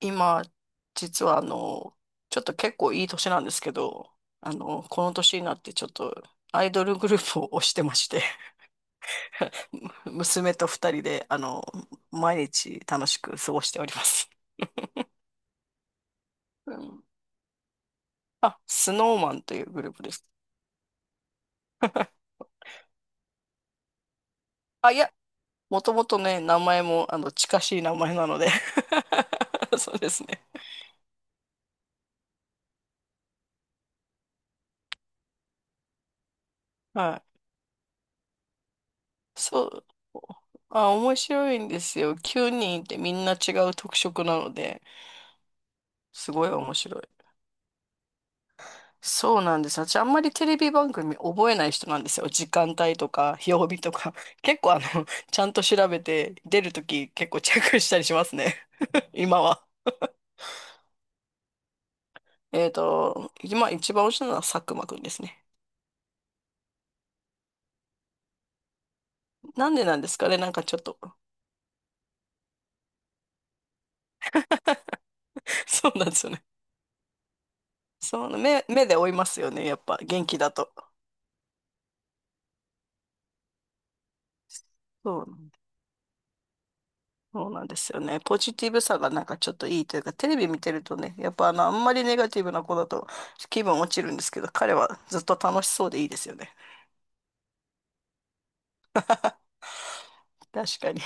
今、実はちょっと結構いい年なんですけど、この年になってちょっとアイドルグループを推してまして 娘と二人で、毎日楽しく過ごしております。うん。あ、スノーマンというグループです。あ、いや、もともとね、名前も、近しい名前なので。 そうですね。はい。そう。あ、面白いんですよ。9人いてみんな違う特色なので、すごい面白い。そうなんです。私あんまりテレビ番組覚えない人なんですよ。時間帯とか、曜日とか。結構ちゃんと調べて、出るとき結構チェックしたりしますね。今は。今一番推しなのは佐久間くんですね。なんでなんですかね。なんかちょっと。 そうなんですよね。そう、目で追いますよね。やっぱ元気だと。そう、そうなんですよね。ポジティブさがなんかちょっといいというか、テレビ見てるとね、やっぱあんまりネガティブな子だと気分落ちるんですけど、彼はずっと楽しそうでいいですよね。確かに。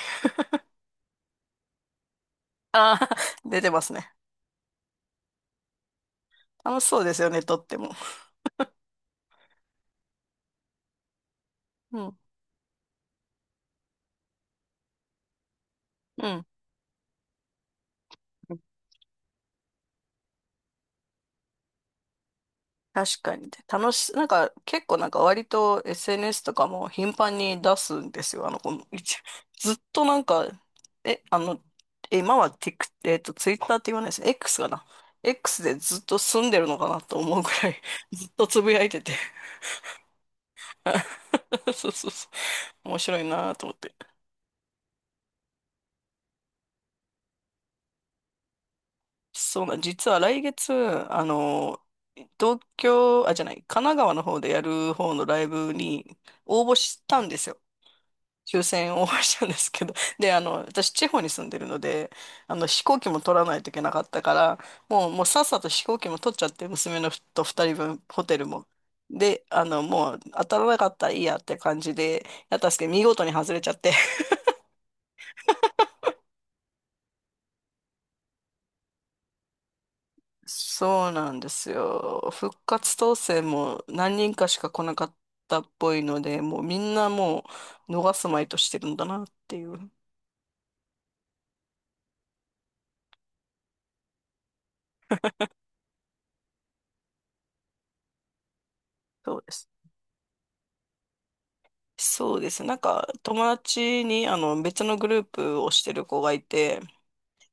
ああ、出てますね。楽しそうですよね、とっても。うん。うん。確かに。で、なんか、結構なんか割と SNS とかも頻繁に出すんですよ。ずっとなんか、え、あの、今は t ックw i t t e r って言わないですね。X かな。X でずっと住んでるのかなと思うくらい、ずっとつぶやいてて。そうそうそう。面白いなと思って。そうな、実は来月、あの、東京、あ、じゃない、神奈川の方でやる方のライブに応募したんですよ。抽選応募したんですけど。で、私、地方に住んでるので、飛行機も取らないといけなかったから、もうさっさと飛行機も取っちゃって、娘のふと2人分、ホテルも。で、もう、当たらなかったらいいやって感じで、やったんですけど、見事に外れちゃって、そうなんですよ。復活当選も何人かしか来なかったっぽいので、もうみんなもう逃すまいとしてるんだなっていう。そうです。そうです。なんか友達にあの別のグループをしてる子がいて、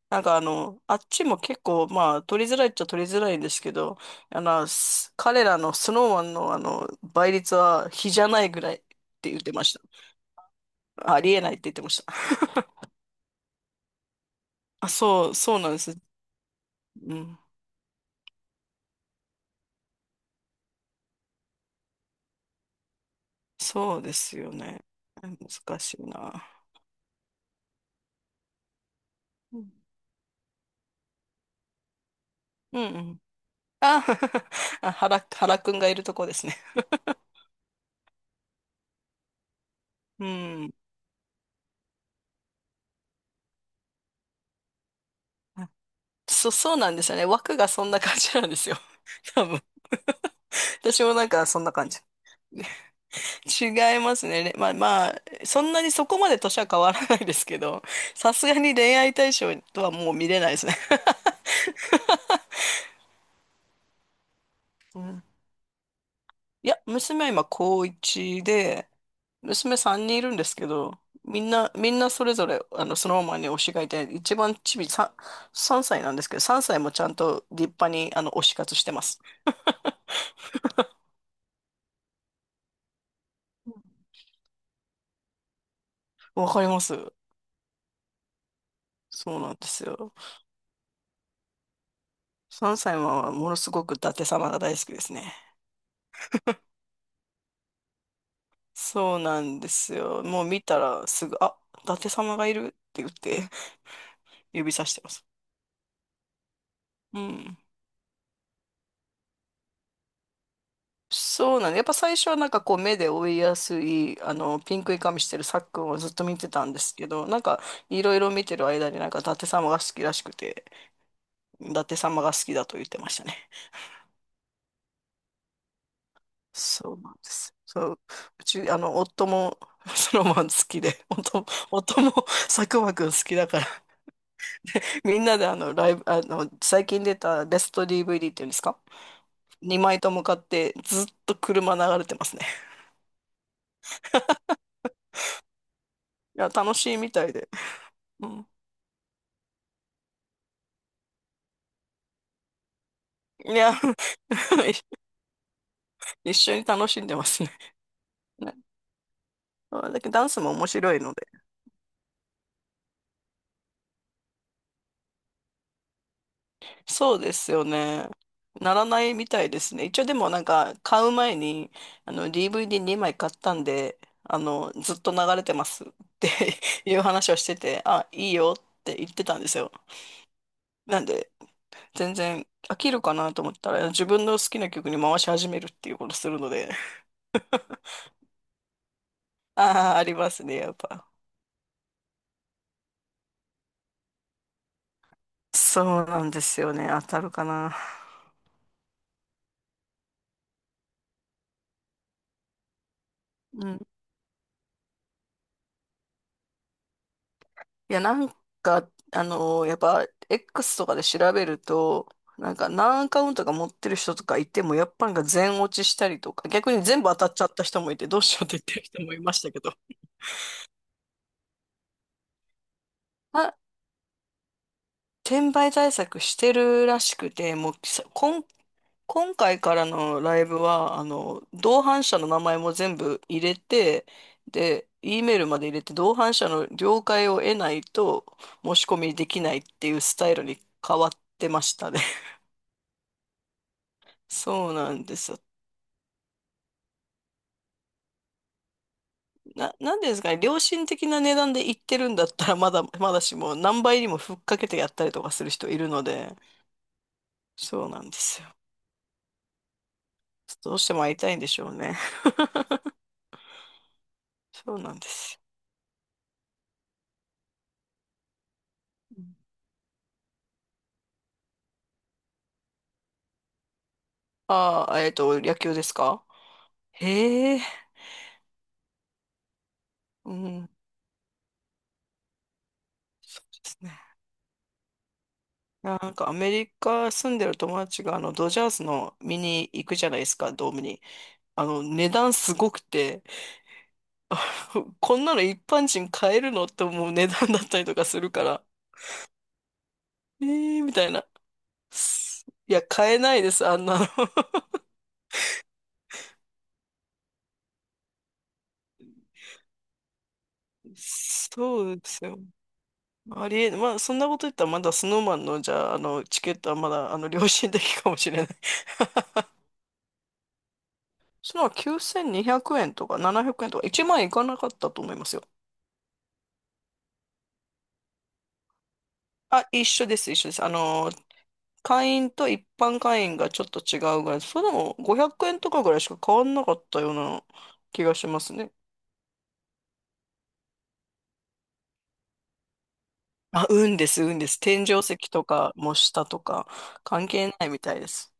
なんかあっちも結構まあ取りづらいっちゃ取りづらいんですけど、彼らのスノーマンのあの倍率は比じゃないぐらいって言ってました。ありえないって言ってました。あ、そう、そうなんです。うん。そうですよね。難しいな。うん。うんうん。あ、あ原くんがいるとこですね。うん。あそうなんですよね。枠がそんな感じなんですよ。多分。私もなんかそんな感じ。違いますね。まあまあ、そんなにそこまで年は変わらないですけど、さすがに恋愛対象とはもう見れないですね。うん。いや、娘は今高1で、娘3人いるんですけど、みんなそれぞれ、そのままに推しがいて、一番ちび3歳なんですけど、3歳もちゃんと立派に、推し活してます。わかります。そうなんですよ。3歳はものすごく伊達様が大好きですね。そうなんですよ。もう見たらすぐ、あ、伊達様がいるって言って 指さしてます。うん。そうなのやっぱ最初はなんかこう目で追いやすい、ピンクい髪してるさっくんをずっと見てたんですけど、なんかいろいろ見てる間になんか伊達様が好きらしくて、伊達様が好きだと言ってましたね。そうなんです。そう、うち、夫もソロマン好きで、夫も佐久間くん好きだから、みんなでライブ、最近出たベスト DVD っていうんですか？ 2 枚とも買ってずっと車流れてますね。いや、楽しいみたいで。うん。いや、一緒に楽しんでますね。ね、あ、だけどダンスも面白いので。そうですよね。ならないみたいですね。一応でもなんか買う前にあの DVD2 枚買ったんで、ずっと流れてますって いう話をしてて、あ、いいよって言ってたんですよ。なんで全然飽きるかなと思ったら自分の好きな曲に回し始めるっていうことするので、ああ、ありますね、やっぱ。そうなんですよね。当たるかな。うん。いや、なんか、やっぱ、X とかで調べると、なんか何アカウントか持ってる人とかいても、やっぱなんか全落ちしたりとか、逆に全部当たっちゃった人もいて、どうしようって言ってる人もいましたけど。あ、転売対策してるらしくて、もうさ、今回からのライブは、同伴者の名前も全部入れて、で、E メールまで入れて、同伴者の了解を得ないと申し込みできないっていうスタイルに変わってましたね。そうなんですよ。なんでですかね、良心的な値段で言ってるんだったら、まだしも、何倍にもふっかけてやったりとかする人いるので、そうなんですよ。どうしても会いたいんでしょうね。そうなんですよ。ああ、野球ですか？へえ、うん、そうですね。なんかアメリカ住んでる友達があのドジャースの見に行くじゃないですか、ドームに。あの値段すごくて、こんなの一般人買えるのって思う値段だったりとかするから、えーみたいな。いや、買えないです、あんなの。そうですよ。ありえ、まあ、そんなこと言ったら、まだスノーマンの、じゃあ、チケットはまだ、良心的かもしれない。その9200円とか700円とか1万円いかなかったと思いますよ。あ、一緒です、一緒です。会員と一般会員がちょっと違うぐらい、それでも500円とかぐらいしか変わんなかったような気がしますね。あ、運です、運です。天井石とか、もう下とか、関係ないみたいです。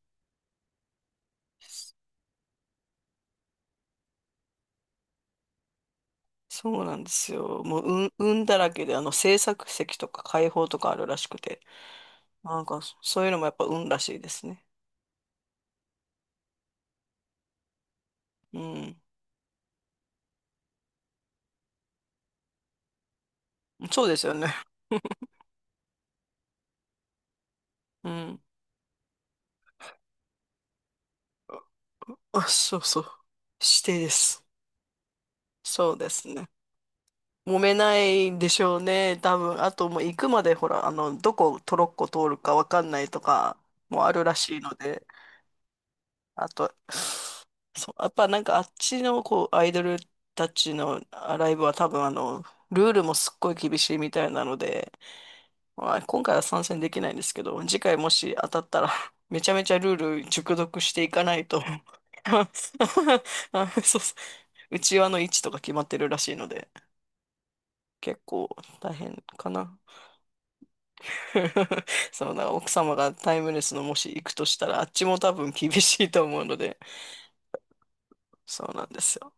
そうなんですよ。もう、運だらけで、制作席とか開放とかあるらしくて。なんか、そういうのもやっぱ運らしいですね。うん。そうですよね。うん。あ、そうそう。指定です。そうですね。揉めないんでしょうね。多分。あともう行くまで、ほら、どこトロッコ通るかわかんないとかもあるらしいので。あと、そう、やっぱなんかあっちのこうアイドルたちのライブは多分ルールもすっごい厳しいみたいなので、まあ、今回は参戦できないんですけど、次回もし当たったら めちゃめちゃルール熟読していかないと。 あ、そうそう、うちわの位置とか決まってるらしいので、結構大変かな。そう、だから奥様がタイムレスのもし行くとしたら、あっちも多分厳しいと思うので、そうなんですよ。